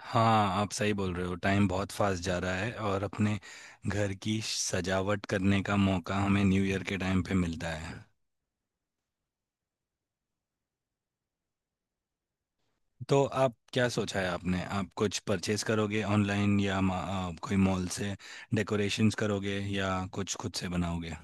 हाँ आप सही बोल रहे हो। टाइम बहुत फास्ट जा रहा है और अपने घर की सजावट करने का मौका हमें न्यू ईयर के टाइम पे मिलता है। तो आप क्या सोचा है आपने? आप कुछ परचेज करोगे ऑनलाइन या कोई मॉल से डेकोरेशंस करोगे या कुछ खुद से बनाओगे?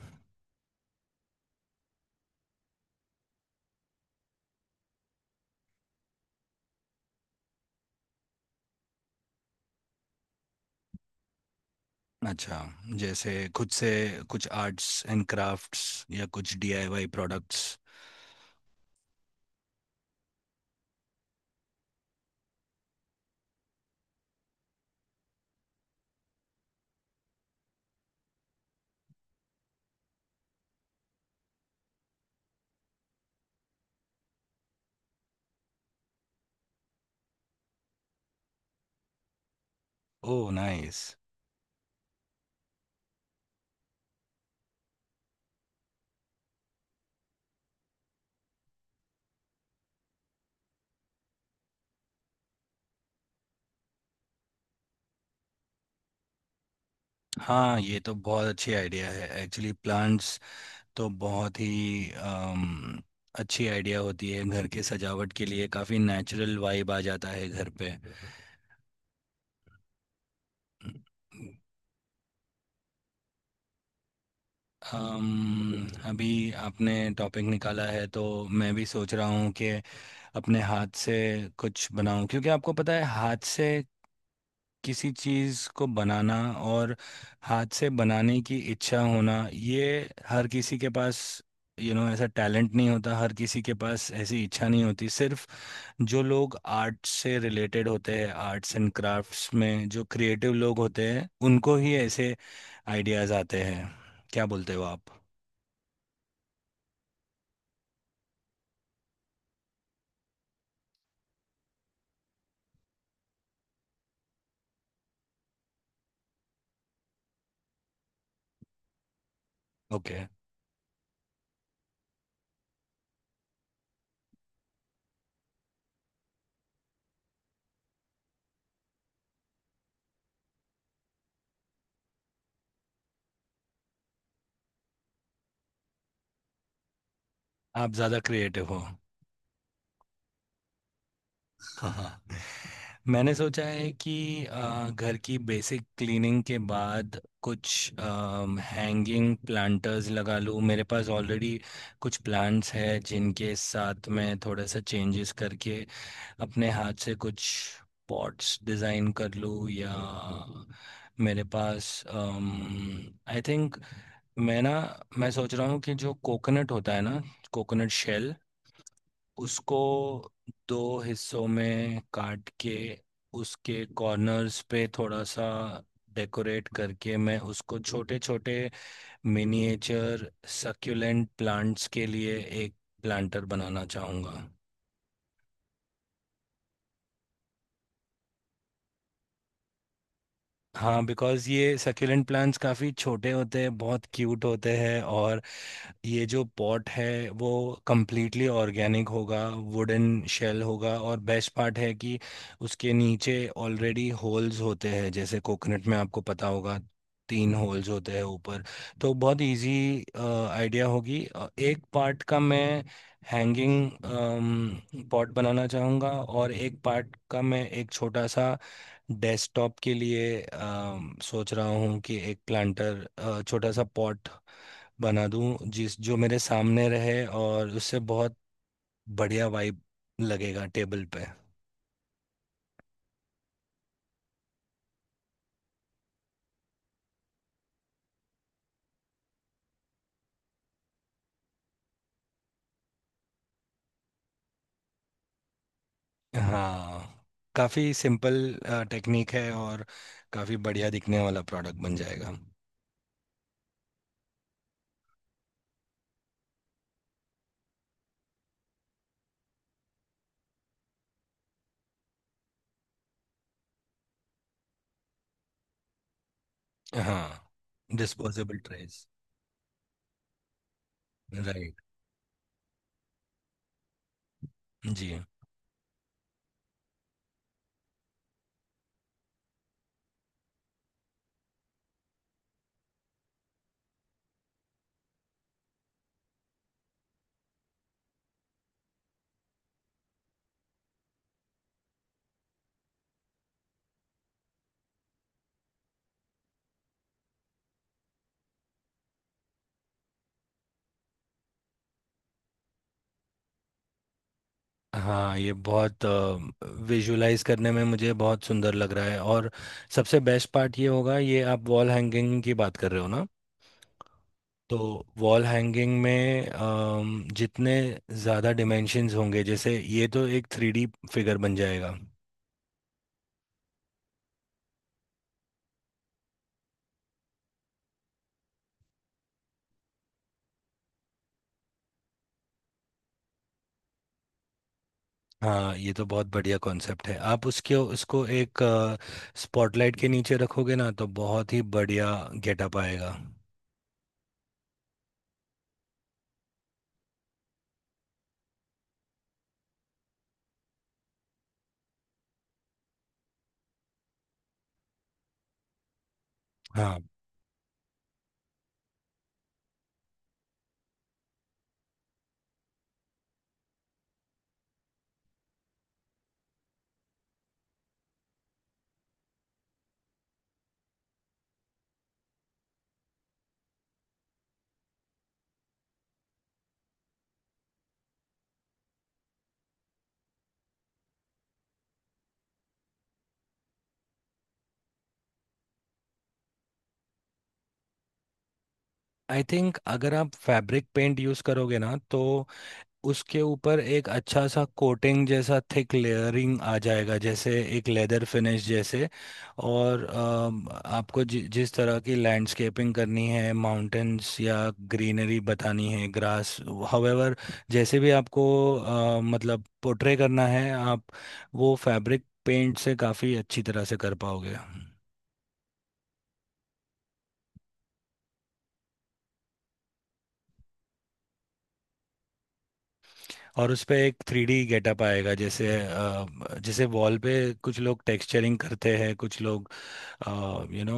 अच्छा, जैसे खुद से कुछ आर्ट्स एंड क्राफ्ट्स या कुछ डीआईवाई प्रोडक्ट्स? Oh, nice. हाँ, ये तो बहुत अच्छी आइडिया है एक्चुअली। प्लांट्स तो बहुत ही अच्छी आइडिया होती है घर के सजावट के लिए। काफ़ी नेचुरल वाइब आ जाता है घर पे। अभी आपने टॉपिक निकाला है तो मैं भी सोच रहा हूँ कि अपने हाथ से कुछ बनाऊं, क्योंकि आपको पता है हाथ से किसी चीज़ को बनाना और हाथ से बनाने की इच्छा होना, ये हर किसी के पास यू you नो know, ऐसा टैलेंट नहीं होता, हर किसी के पास ऐसी इच्छा नहीं होती। सिर्फ जो लोग आर्ट से रिलेटेड होते हैं, आर्ट्स एंड क्राफ्ट्स में जो क्रिएटिव लोग होते हैं, उनको ही ऐसे आइडियाज आते हैं। क्या बोलते हो आप? ओके। आप ज़्यादा क्रिएटिव हो। हाँ, हाँ। मैंने सोचा है कि घर की बेसिक क्लीनिंग के बाद कुछ हैंगिंग प्लांटर्स लगा लूँ। मेरे पास ऑलरेडी कुछ प्लांट्स हैं जिनके साथ मैं थोड़ा सा चेंजेस करके अपने हाथ से कुछ पॉट्स डिज़ाइन कर लूँ। या मेरे पास, आई थिंक, मैं ना मैं सोच रहा हूँ कि जो कोकोनट होता है ना, कोकोनट शेल, उसको दो हिस्सों में काट के उसके कॉर्नर्स पे थोड़ा सा डेकोरेट करके मैं उसको छोटे छोटे मिनिएचर सक्यूलेंट प्लांट्स के लिए एक प्लांटर बनाना चाहूँगा। हाँ, बिकॉज ये सक्यूलेंट प्लांट्स काफ़ी छोटे होते हैं, बहुत क्यूट होते हैं। और ये जो पॉट है, वो कम्प्लीटली ऑर्गेनिक होगा, वुडन शेल होगा। और बेस्ट पार्ट है कि उसके नीचे ऑलरेडी होल्स होते हैं। जैसे कोकोनट में आपको पता होगा, 3 होल्स होते हैं ऊपर। तो बहुत इजी आइडिया होगी। एक पार्ट का मैं हैंगिंग पॉट बनाना चाहूँगा, और एक पार्ट का मैं एक छोटा सा डेस्कटॉप के लिए, सोच रहा हूँ कि एक प्लांटर, छोटा सा पॉट बना दूँ जिस जो मेरे सामने रहे, और उससे बहुत बढ़िया वाइब लगेगा टेबल पे। हाँ, काफ़ी सिंपल टेक्निक है और काफ़ी बढ़िया दिखने वाला प्रोडक्ट बन जाएगा। हाँ, डिस्पोजेबल ट्रेज। राइट। जी। हाँ, ये बहुत विजुलाइज करने में मुझे बहुत सुंदर लग रहा है। और सबसे बेस्ट पार्ट ये होगा, ये आप वॉल हैंगिंग की बात कर रहे हो ना, तो वॉल हैंगिंग में जितने ज़्यादा डिमेंशंस होंगे, जैसे ये तो एक 3D फिगर बन जाएगा। हाँ, ये तो बहुत बढ़िया कॉन्सेप्ट है। आप उसके उसको एक स्पॉटलाइट के नीचे रखोगे ना, तो बहुत ही बढ़िया गेटअप आएगा। हाँ, आई थिंक अगर आप फैब्रिक पेंट यूज़ करोगे ना, तो उसके ऊपर एक अच्छा सा कोटिंग जैसा थिक लेयरिंग आ जाएगा, जैसे एक लेदर फिनिश जैसे। और आपको जिस तरह की लैंडस्केपिंग करनी है, माउंटेन्स या ग्रीनरी बतानी है, ग्रास, हावेवर जैसे भी आपको मतलब पोर्ट्रे करना है, आप वो फैब्रिक पेंट से काफ़ी अच्छी तरह से कर पाओगे। और उस पे एक थ्री डी गेटअप आएगा। जैसे वॉल पे कुछ लोग टेक्सचरिंग करते हैं, कुछ लोग, यू नो,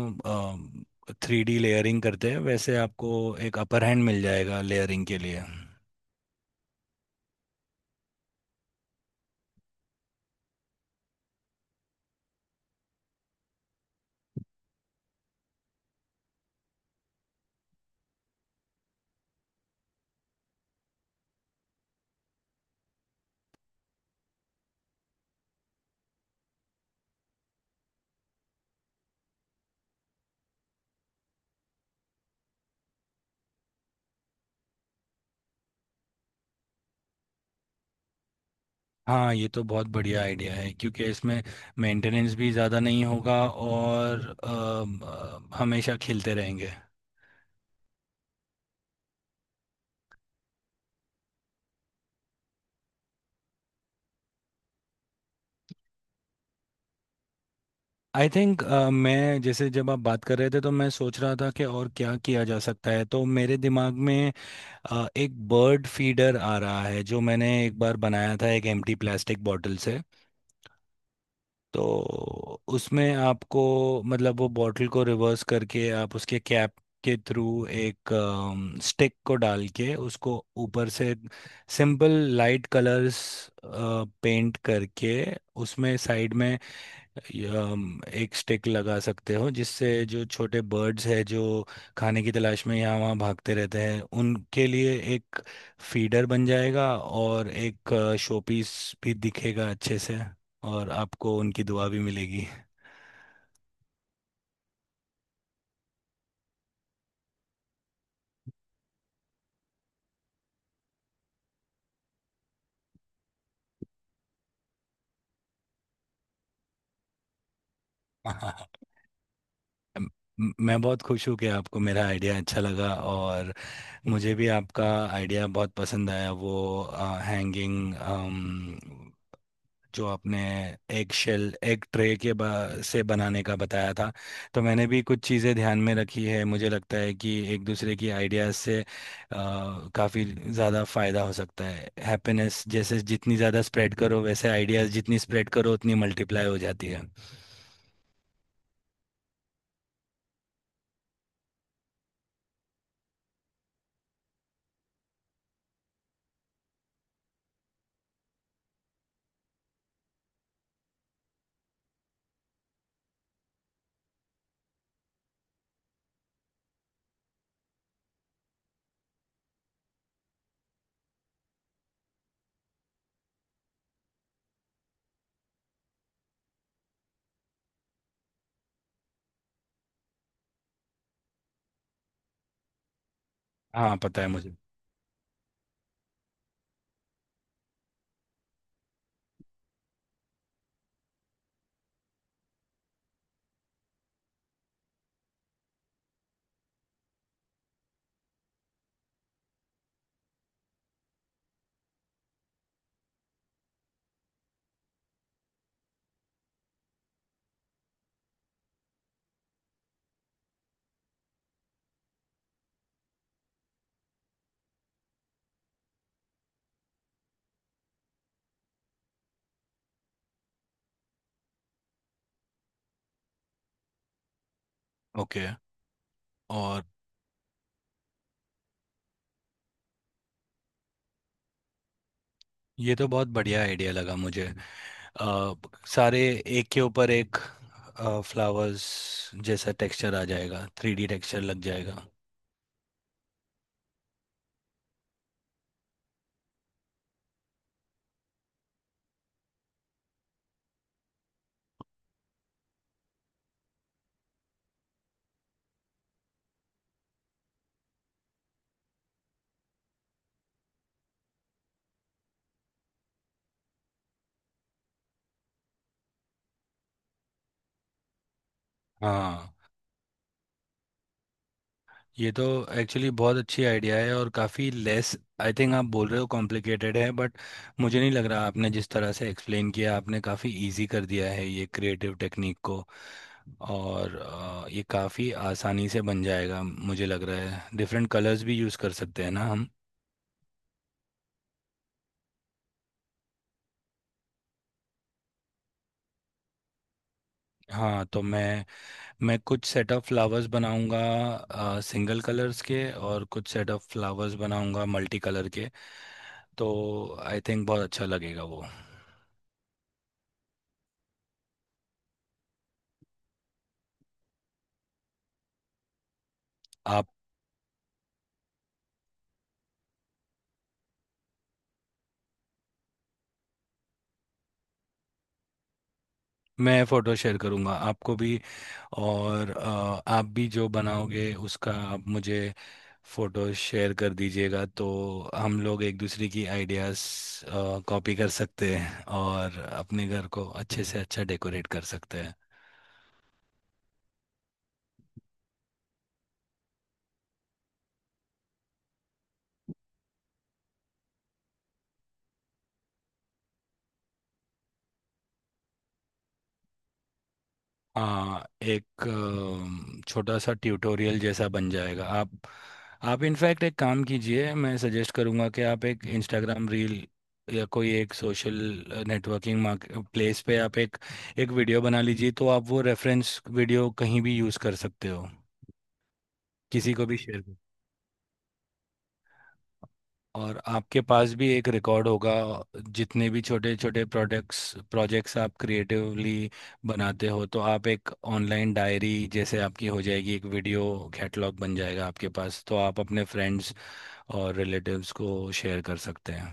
3D लेयरिंग करते हैं, वैसे आपको एक अपर हैंड मिल जाएगा लेयरिंग के लिए। हाँ, ये तो बहुत बढ़िया आइडिया है, क्योंकि इसमें मेंटेनेंस भी ज़्यादा नहीं होगा। और हमेशा खेलते रहेंगे। आई थिंक, मैं जैसे जब आप बात कर रहे थे तो मैं सोच रहा था कि और क्या किया जा सकता है, तो मेरे दिमाग में एक बर्ड फीडर आ रहा है जो मैंने एक बार बनाया था एक एम्प्टी प्लास्टिक बॉटल से। तो उसमें आपको, मतलब वो बॉटल को रिवर्स करके आप उसके कैप के थ्रू एक स्टिक को डाल के उसको ऊपर से सिंपल लाइट कलर्स पेंट करके उसमें साइड में एक स्टिक लगा सकते हो, जिससे जो छोटे बर्ड्स हैं जो खाने की तलाश में यहाँ वहाँ भागते रहते हैं उनके लिए एक फीडर बन जाएगा और एक शोपीस भी दिखेगा अच्छे से। और आपको उनकी दुआ भी मिलेगी। मैं बहुत खुश हूँ कि आपको मेरा आइडिया अच्छा लगा। और मुझे भी आपका आइडिया बहुत पसंद आया, वो हैंगिंग, जो आपने एग शेल, एग ट्रे से बनाने का बताया था। तो मैंने भी कुछ चीज़ें ध्यान में रखी है। मुझे लगता है कि एक दूसरे की आइडियाज़ से काफ़ी ज़्यादा फ़ायदा हो सकता है। हैप्पीनेस जैसे, जितनी ज़्यादा स्प्रेड करो, वैसे आइडियाज़ जितनी स्प्रेड करो उतनी मल्टीप्लाई हो जाती है। हाँ, पता है मुझे। ओके। और ये तो बहुत बढ़िया आइडिया लगा मुझे। अ, सारे एक के ऊपर एक फ्लावर्स जैसा टेक्सचर आ जाएगा, थ्री डी टेक्सचर लग जाएगा। हाँ, ये तो एक्चुअली बहुत अच्छी आइडिया है और काफ़ी लेस, आई थिंक आप बोल रहे हो कॉम्प्लिकेटेड है, बट मुझे नहीं लग रहा। आपने जिस तरह से एक्सप्लेन किया, आपने काफ़ी इजी कर दिया है ये क्रिएटिव टेक्निक को। और ये काफ़ी आसानी से बन जाएगा मुझे लग रहा है। डिफरेंट कलर्स भी यूज़ कर सकते हैं ना हम। हाँ, तो मैं कुछ सेट ऑफ फ्लावर्स बनाऊंगा सिंगल कलर्स के, और कुछ सेट ऑफ फ्लावर्स बनाऊंगा मल्टी कलर के। तो आई थिंक बहुत अच्छा लगेगा वो। मैं फोटो शेयर करूंगा आपको भी। और आप भी जो बनाओगे उसका आप मुझे फोटो शेयर कर दीजिएगा, तो हम लोग एक दूसरे की आइडियाज कॉपी कर सकते हैं और अपने घर को अच्छे से अच्छा डेकोरेट कर सकते हैं। हाँ, एक छोटा सा ट्यूटोरियल जैसा बन जाएगा। आप इनफैक्ट एक काम कीजिए, मैं सजेस्ट करूँगा कि आप एक इंस्टाग्राम रील या कोई एक सोशल नेटवर्किंग प्लेस पे आप एक एक वीडियो बना लीजिए, तो आप वो रेफरेंस वीडियो कहीं भी यूज़ कर सकते हो, किसी को भी शेयर। और आपके पास भी एक रिकॉर्ड होगा। जितने भी छोटे छोटे प्रोडक्ट्स प्रोजेक्ट्स आप क्रिएटिवली बनाते हो, तो आप एक ऑनलाइन डायरी जैसे आपकी हो जाएगी, एक वीडियो कैटलॉग बन जाएगा आपके पास, तो आप अपने फ्रेंड्स और रिलेटिव्स को शेयर कर सकते हैं।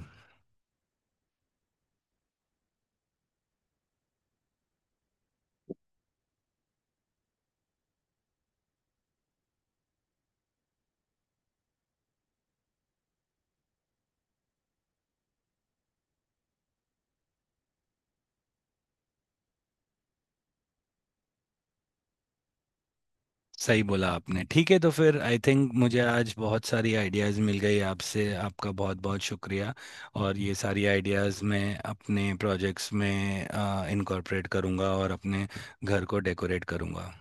सही बोला आपने। ठीक है, तो फिर आई थिंक मुझे आज बहुत सारी आइडियाज़ मिल गई आपसे। आपका बहुत बहुत शुक्रिया। और ये सारी आइडियाज़ मैं अपने प्रोजेक्ट्स में इनकॉर्पोरेट करूँगा और अपने घर को डेकोरेट करूँगा।